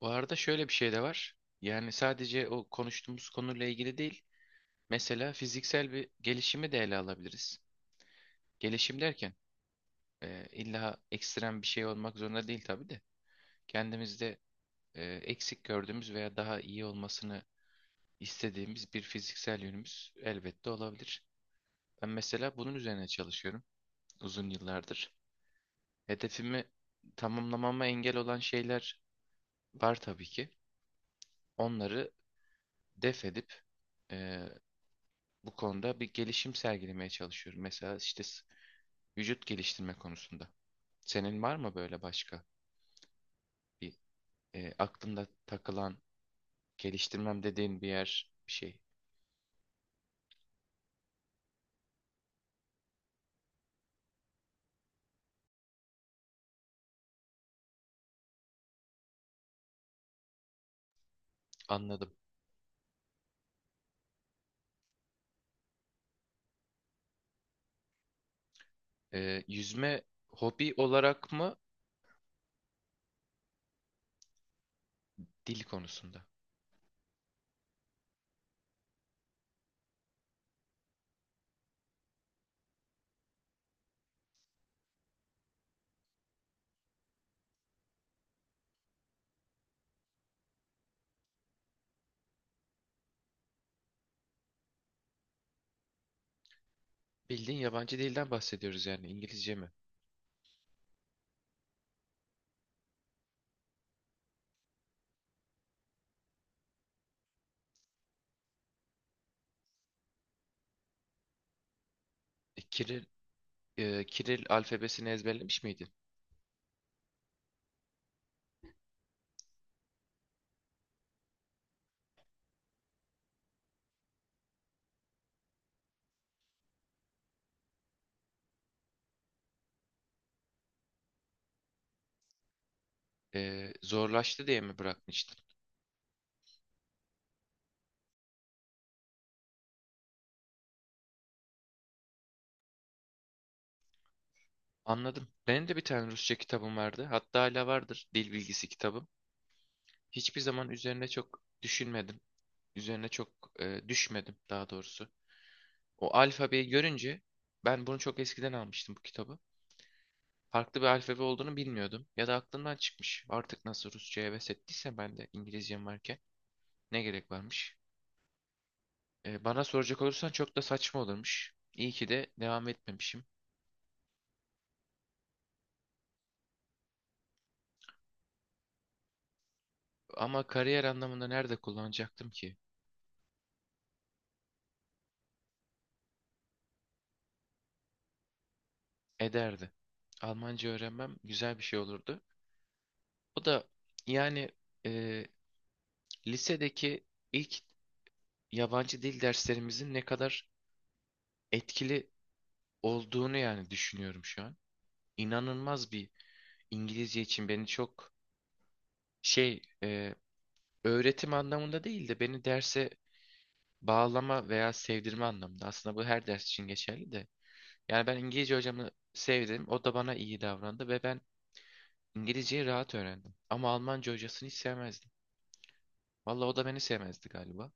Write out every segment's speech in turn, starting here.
Bu arada şöyle bir şey de var. Yani sadece o konuştuğumuz konuyla ilgili değil. Mesela fiziksel bir gelişimi de ele alabiliriz. Gelişim derken illa ekstrem bir şey olmak zorunda değil tabii de. Kendimizde eksik gördüğümüz veya daha iyi olmasını istediğimiz bir fiziksel yönümüz elbette olabilir. Ben mesela bunun üzerine çalışıyorum uzun yıllardır. Hedefimi tamamlamama engel olan şeyler var tabii ki. Onları def edip e, bu konuda bir gelişim sergilemeye çalışıyorum. Mesela vücut geliştirme konusunda. Senin var mı böyle başka bir aklında takılan geliştirmem dediğin bir yer bir şey? Anladım. E, yüzme hobi olarak mı, dil konusunda? Bildiğin yabancı dilden bahsediyoruz, yani İngilizce mi? E, Kiril, Kiril alfabesini ezberlemiş miydin? E, zorlaştı diye mi bırakmıştın? Anladım. Benim de bir tane Rusça kitabım vardı. Hatta hala vardır. Dil bilgisi kitabım. Hiçbir zaman üzerine çok düşünmedim. Üzerine çok düşmedim daha doğrusu. O alfabeyi görünce ben bunu çok eskiden almıştım bu kitabı. Farklı bir alfabe olduğunu bilmiyordum. Ya da aklımdan çıkmış. Artık nasıl Rusça'ya heves ettiyse ben de İngilizcem varken ne gerek varmış? E, bana soracak olursan çok da saçma olurmuş. İyi ki de devam etmemişim. Ama kariyer anlamında nerede kullanacaktım ki? Ederdi. Almanca öğrenmem güzel bir şey olurdu. O da yani e, lisedeki ilk yabancı dil derslerimizin ne kadar etkili olduğunu yani düşünüyorum şu an. İnanılmaz bir İngilizce için beni çok şey e, öğretim anlamında değil de beni derse bağlama veya sevdirme anlamında. Aslında bu her ders için geçerli de. Yani ben İngilizce hocamı sevdim. O da bana iyi davrandı ve ben İngilizceyi rahat öğrendim. Ama Almanca hocasını hiç sevmezdim. Vallahi o da beni sevmezdi galiba.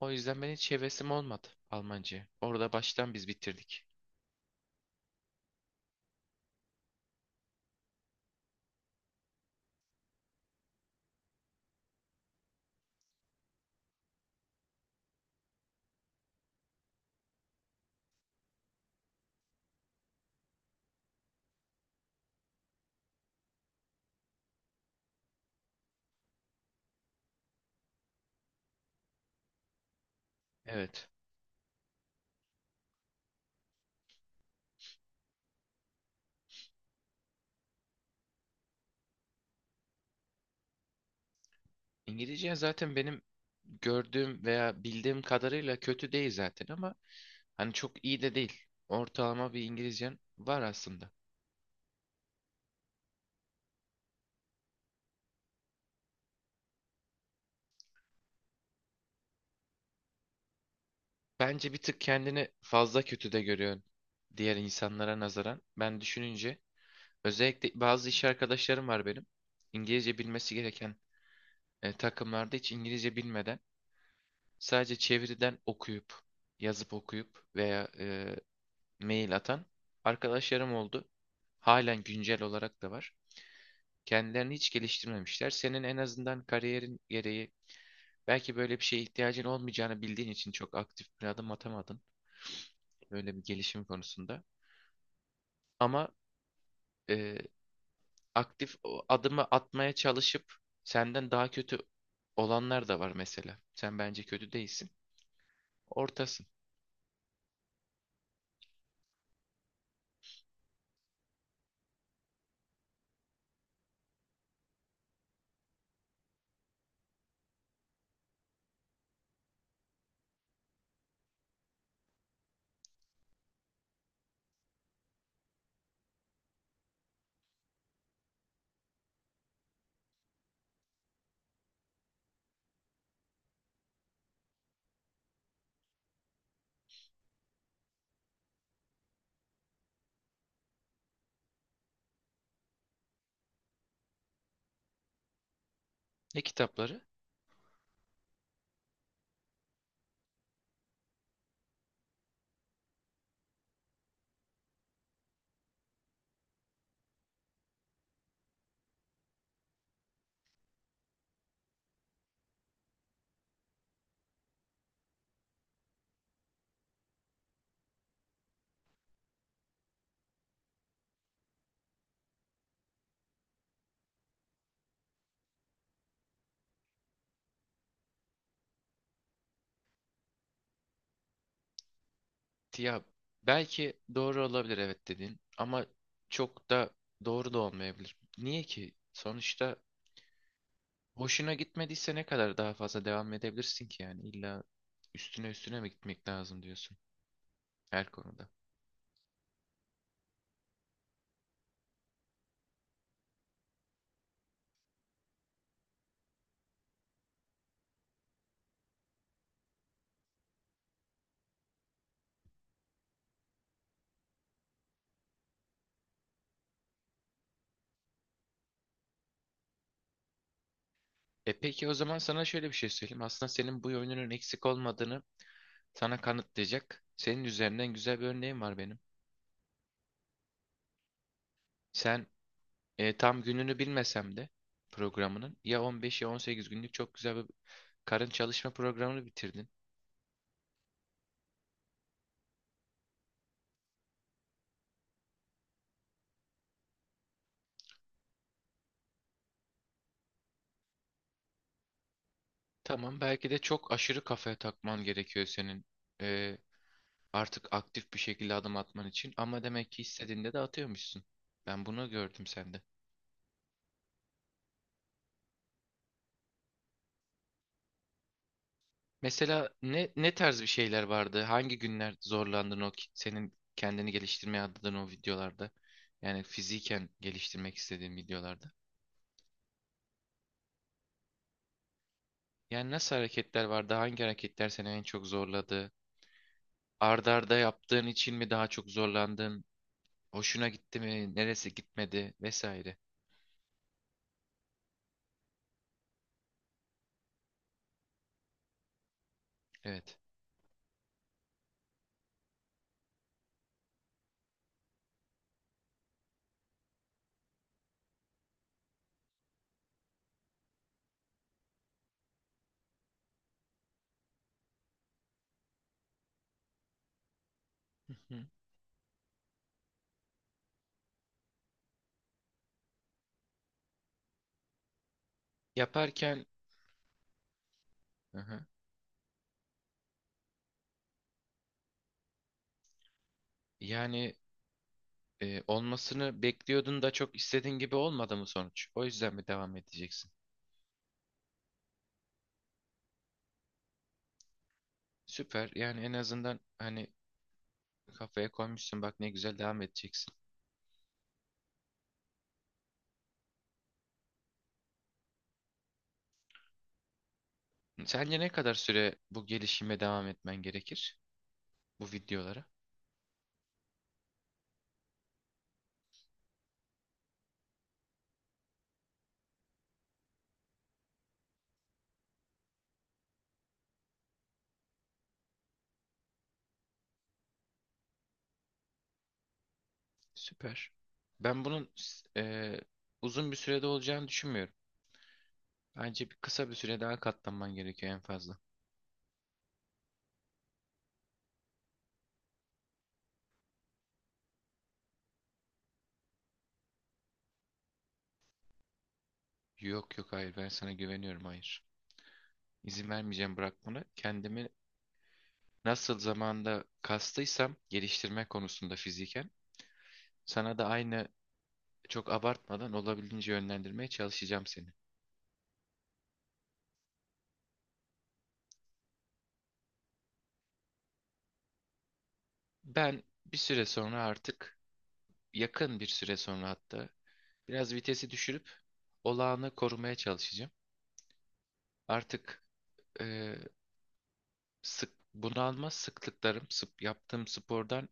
O yüzden benim hiç hevesim olmadı Almanca'ya. Orada baştan biz bitirdik. Evet. İngilizce zaten benim gördüğüm veya bildiğim kadarıyla kötü değil zaten, ama hani çok iyi de değil. Ortalama bir İngilizcen var aslında. Bence bir tık kendini fazla kötü de görüyorsun diğer insanlara nazaran. Ben düşününce özellikle bazı iş arkadaşlarım var benim. İngilizce bilmesi gereken takımlarda hiç İngilizce bilmeden sadece çeviriden okuyup, yazıp okuyup veya mail atan arkadaşlarım oldu. Halen güncel olarak da var. Kendilerini hiç geliştirmemişler. Senin en azından kariyerin gereği belki böyle bir şeye ihtiyacın olmayacağını bildiğin için çok aktif bir adım atamadın. Böyle bir gelişim konusunda. Ama e, aktif o adımı atmaya çalışıp senden daha kötü olanlar da var mesela. Sen bence kötü değilsin. Ortasın. Ne kitapları? Ya belki doğru olabilir, evet, dediğin ama çok da doğru da olmayabilir. Niye ki? Sonuçta hoşuna gitmediyse ne kadar daha fazla devam edebilirsin ki, yani illa üstüne üstüne mi gitmek lazım diyorsun her konuda. E peki o zaman sana şöyle bir şey söyleyeyim. Aslında senin bu yönünün eksik olmadığını sana kanıtlayacak senin üzerinden güzel bir örneğim var benim. Sen tam gününü bilmesem de programının ya 15 ya 18 günlük çok güzel bir karın çalışma programını bitirdin. Tamam, belki de çok aşırı kafaya takman gerekiyor senin, e, artık aktif bir şekilde adım atman için, ama demek ki istediğinde de atıyormuşsun. Ben bunu gördüm sende. Mesela ne, ne tarz bir şeyler vardı? Hangi günler zorlandın senin kendini geliştirmeye adadığın o videolarda? Yani fiziken geliştirmek istediğin videolarda. Yani nasıl hareketler vardı? Hangi hareketler seni en çok zorladı? Arda arda yaptığın için mi daha çok zorlandın? Hoşuna gitti mi? Neresi gitmedi? Vesaire. Evet. Hı hı. Yaparken. Hı hı. Yani olmasını bekliyordun da çok istediğin gibi olmadı mı sonuç? O yüzden mi devam edeceksin? Süper. Yani en azından hani kafaya koymuşsun, bak ne güzel devam edeceksin. Sence ne kadar süre bu gelişime devam etmen gerekir? Bu videolara. Süper. Ben bunun e, uzun bir sürede olacağını düşünmüyorum. Bence bir kısa bir süre daha katlanman gerekiyor en fazla. Yok yok, hayır, ben sana güveniyorum, hayır. İzin vermeyeceğim, bırak bunu. Kendimi nasıl zamanda kastıysam geliştirme konusunda fiziken, sana da aynı, çok abartmadan olabildiğince yönlendirmeye çalışacağım seni. Ben bir süre sonra artık, yakın bir süre sonra hatta, biraz vitesi düşürüp olağanı korumaya çalışacağım. Artık e, sık bunalma sıklıklarım yaptığım spordan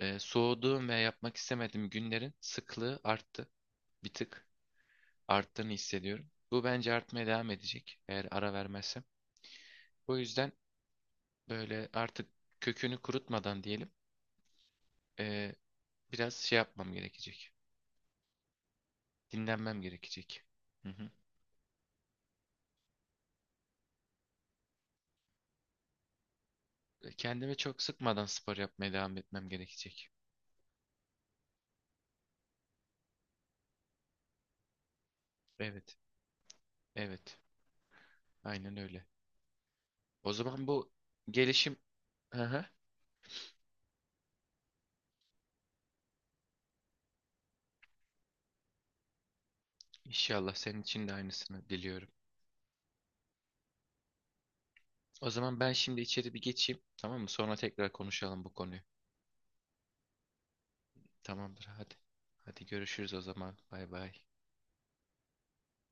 soğuduğum ve yapmak istemediğim günlerin sıklığı arttı. Bir tık arttığını hissediyorum. Bu bence artmaya devam edecek eğer ara vermezsem. O yüzden böyle artık kökünü kurutmadan diyelim. e, Biraz şey yapmam gerekecek. Dinlenmem gerekecek. Hı hı. Kendime çok sıkmadan spor yapmaya devam etmem gerekecek. Evet, evet. Aynen öyle. O zaman bu gelişim... Hı hı. İnşallah senin için de aynısını diliyorum. O zaman ben şimdi içeri bir geçeyim. Tamam mı? Sonra tekrar konuşalım bu konuyu. Tamamdır, hadi. Hadi görüşürüz o zaman. Bay bay.